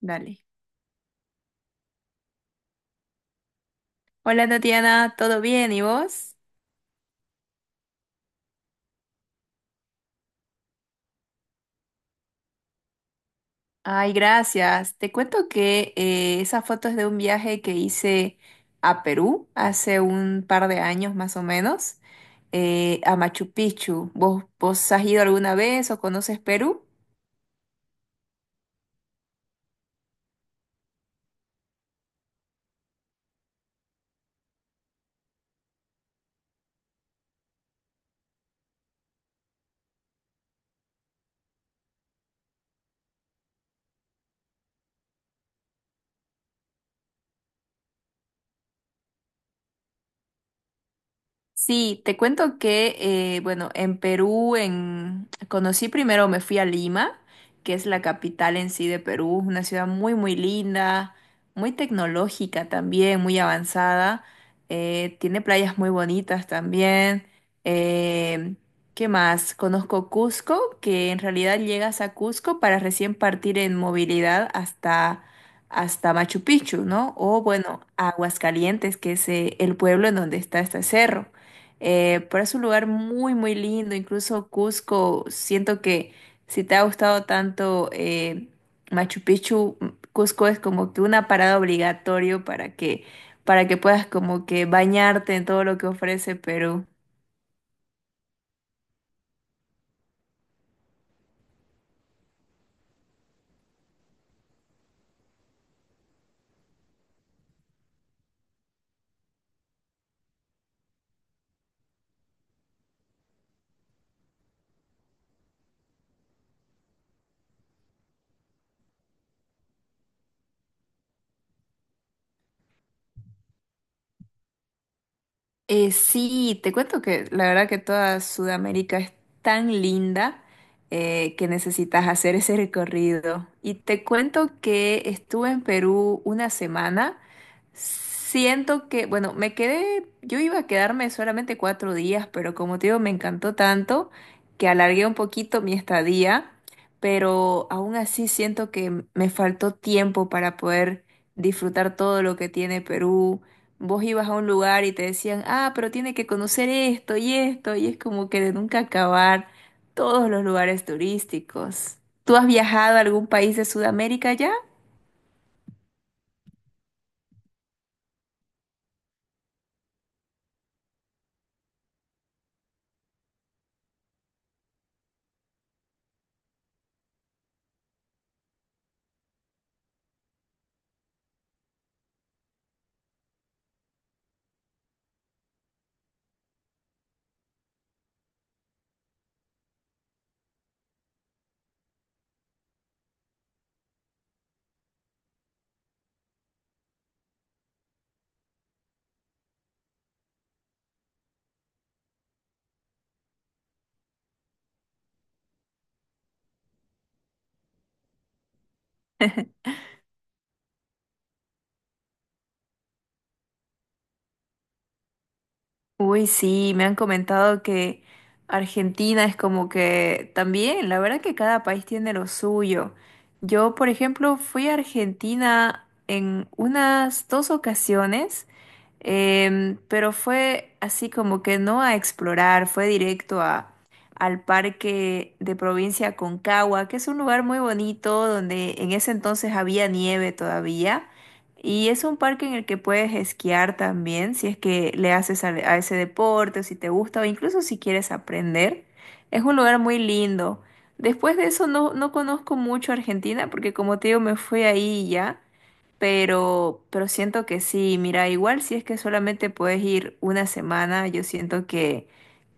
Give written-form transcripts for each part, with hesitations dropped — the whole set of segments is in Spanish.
Dale. Hola Tatiana, ¿todo bien? ¿Y vos? Ay, gracias. Te cuento que esa foto es de un viaje que hice a Perú hace un par de años más o menos, a Machu Picchu. ¿Vos has ido alguna vez o conoces Perú? Sí, te cuento que, bueno, en Perú conocí primero, me fui a Lima, que es la capital en sí de Perú, una ciudad muy, muy linda, muy tecnológica también, muy avanzada, tiene playas muy bonitas también. eh, ¿Qué más? Conozco Cusco, que en realidad llegas a Cusco para recién partir en movilidad hasta Machu Picchu, ¿no? O bueno, Aguascalientes, que es el pueblo en donde está este cerro. Pero es un lugar muy, muy lindo. Incluso Cusco, siento que si te ha gustado tanto Machu Picchu, Cusco es como que una parada obligatorio para para que puedas como que bañarte en todo lo que ofrece Perú. Sí, te cuento que la verdad que toda Sudamérica es tan linda, que necesitas hacer ese recorrido. Y te cuento que estuve en Perú una semana. Siento que, bueno, me quedé, yo iba a quedarme solamente 4 días, pero como te digo, me encantó tanto que alargué un poquito mi estadía, pero aún así siento que me faltó tiempo para poder disfrutar todo lo que tiene Perú. Vos ibas a un lugar y te decían, ah, pero tiene que conocer esto y esto, y es como que de nunca acabar todos los lugares turísticos. ¿Tú has viajado a algún país de Sudamérica ya? Uy, sí, me han comentado que Argentina es como que también, la verdad que cada país tiene lo suyo. Yo, por ejemplo, fui a Argentina en unas dos ocasiones, pero fue así como que no a explorar, fue directo al parque de provincia Concagua, que es un lugar muy bonito donde en ese entonces había nieve todavía. Y es un parque en el que puedes esquiar también, si es que le haces ese deporte, o si te gusta, o incluso si quieres aprender. Es un lugar muy lindo. Después de eso no, no conozco mucho Argentina, porque como te digo, me fui ahí y ya. Pero siento que sí, mira, igual si es que solamente puedes ir una semana, yo siento que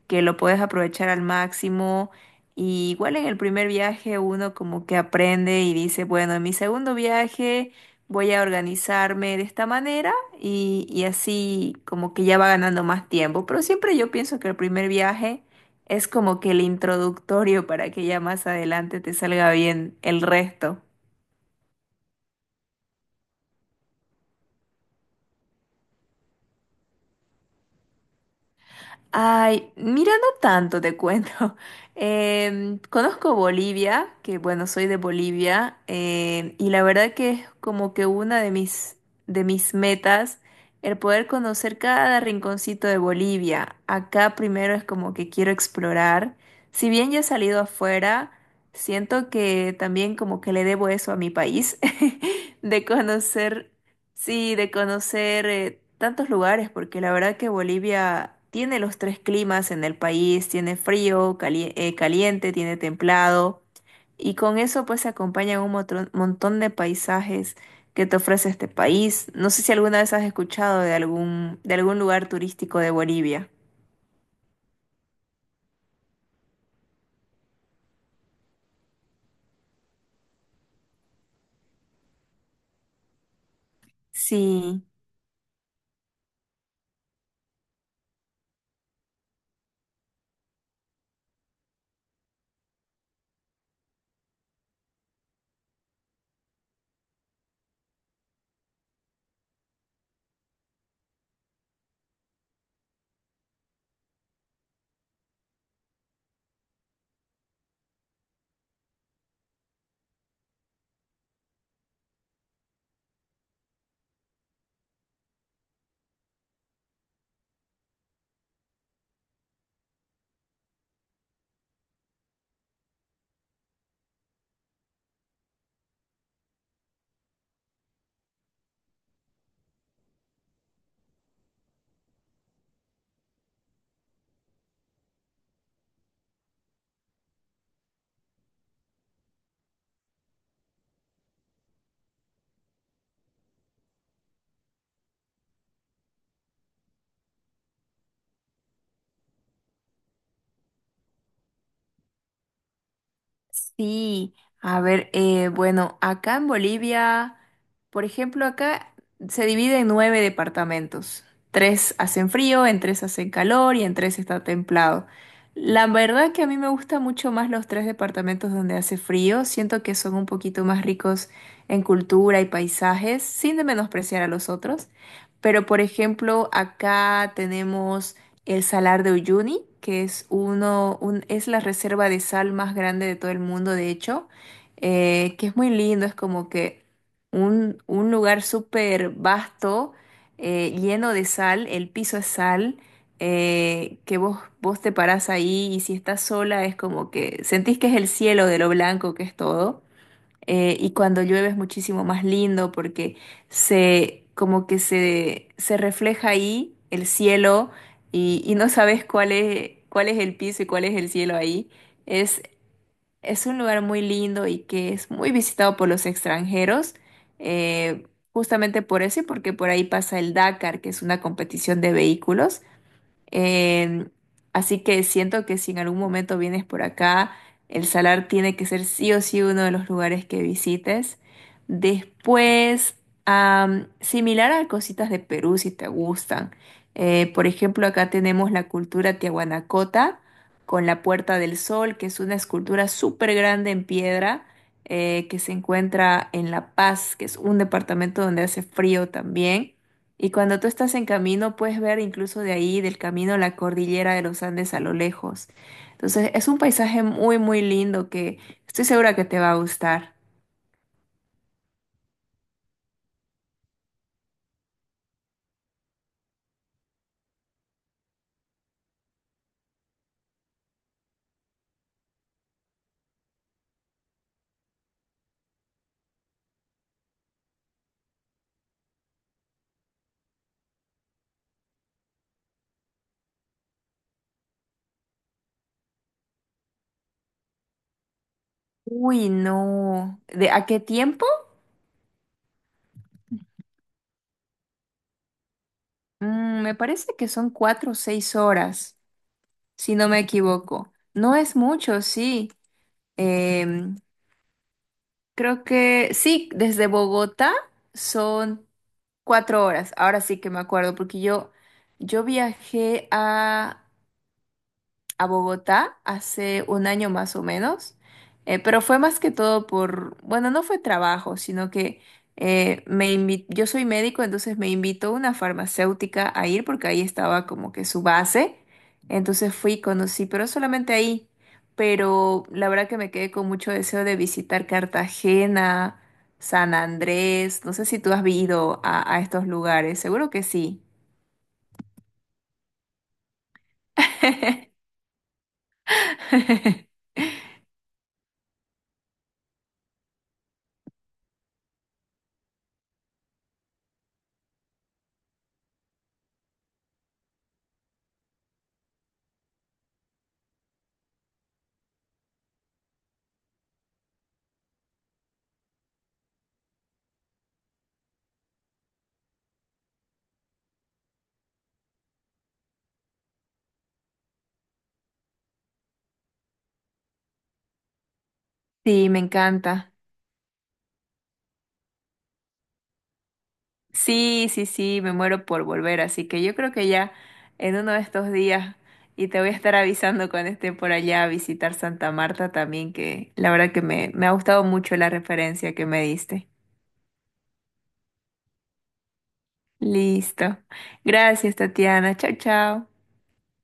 que lo puedes aprovechar al máximo. Y igual en el primer viaje uno como que aprende y dice, bueno, en mi segundo viaje voy a organizarme de esta manera y así como que ya va ganando más tiempo. Pero siempre yo pienso que el primer viaje es como que el introductorio para que ya más adelante te salga bien el resto. Ay, mira, no tanto te cuento. Conozco Bolivia, que bueno, soy de Bolivia, y la verdad que es como que una de mis metas el poder conocer cada rinconcito de Bolivia. Acá primero es como que quiero explorar. Si bien ya he salido afuera, siento que también como que le debo eso a mi país, de conocer. Sí, de conocer, tantos lugares, porque la verdad que Bolivia tiene los tres climas en el país, tiene frío, caliente, tiene templado, y con eso pues se acompañan un montón de paisajes que te ofrece este país. No sé si alguna vez has escuchado de de algún lugar turístico de Bolivia. Sí. Sí, a ver, bueno, acá en Bolivia, por ejemplo, acá se divide en 9 departamentos. Tres hacen frío, en tres hacen calor y en tres está templado. La verdad que a mí me gustan mucho más los tres departamentos donde hace frío. Siento que son un poquito más ricos en cultura y paisajes, sin de menospreciar a los otros. Pero, por ejemplo, acá tenemos el Salar de Uyuni, que es es la reserva de sal más grande de todo el mundo, de hecho, que es muy lindo, es como que un lugar súper vasto, lleno de sal, el piso es sal, que vos te parás ahí y si estás sola es como que sentís que es el cielo de lo blanco que es todo. Y cuando llueve es muchísimo más lindo porque como que se refleja ahí el cielo y no sabes cuál es el piso y cuál es el cielo ahí. Es, es un lugar muy lindo y que es muy visitado por los extranjeros, eh, justamente por eso y porque por ahí pasa el Dakar, que es una competición de vehículos. Eh, Así que siento que si en algún momento vienes por acá, el Salar tiene que ser sí o sí uno de los lugares que visites. Después, similar a cositas de Perú si te gustan. Por ejemplo, acá tenemos la cultura Tiahuanacota con la Puerta del Sol, que es una escultura súper grande en piedra, que se encuentra en La Paz, que es un departamento donde hace frío también. Y cuando tú estás en camino, puedes ver incluso de ahí, del camino, la cordillera de los Andes a lo lejos. Entonces, es un paisaje muy, muy lindo que estoy segura que te va a gustar. Uy, no. ¿De a qué tiempo? Me parece que son 4 o 6 horas, si no me equivoco. No es mucho, sí. Em, Creo que sí, desde Bogotá son 4 horas. Ahora sí que me acuerdo, porque yo viajé a Bogotá hace un año más o menos, pero fue más que todo por, bueno, no fue trabajo, sino que yo soy médico, entonces me invitó una farmacéutica a ir porque ahí estaba como que su base, entonces fui y conocí, pero solamente ahí, pero la verdad que me quedé con mucho deseo de visitar Cartagena, San Andrés, no sé si tú has ido a estos lugares, seguro que sí. Sí, me encanta. Sí, sí, sí, me muero por volver, así que yo creo que ya en uno de estos días y te voy a estar avisando cuando esté por allá a visitar Santa Marta también, que la verdad que me ha gustado mucho la referencia que me diste. Listo. Gracias, Tatiana. Chao, chao.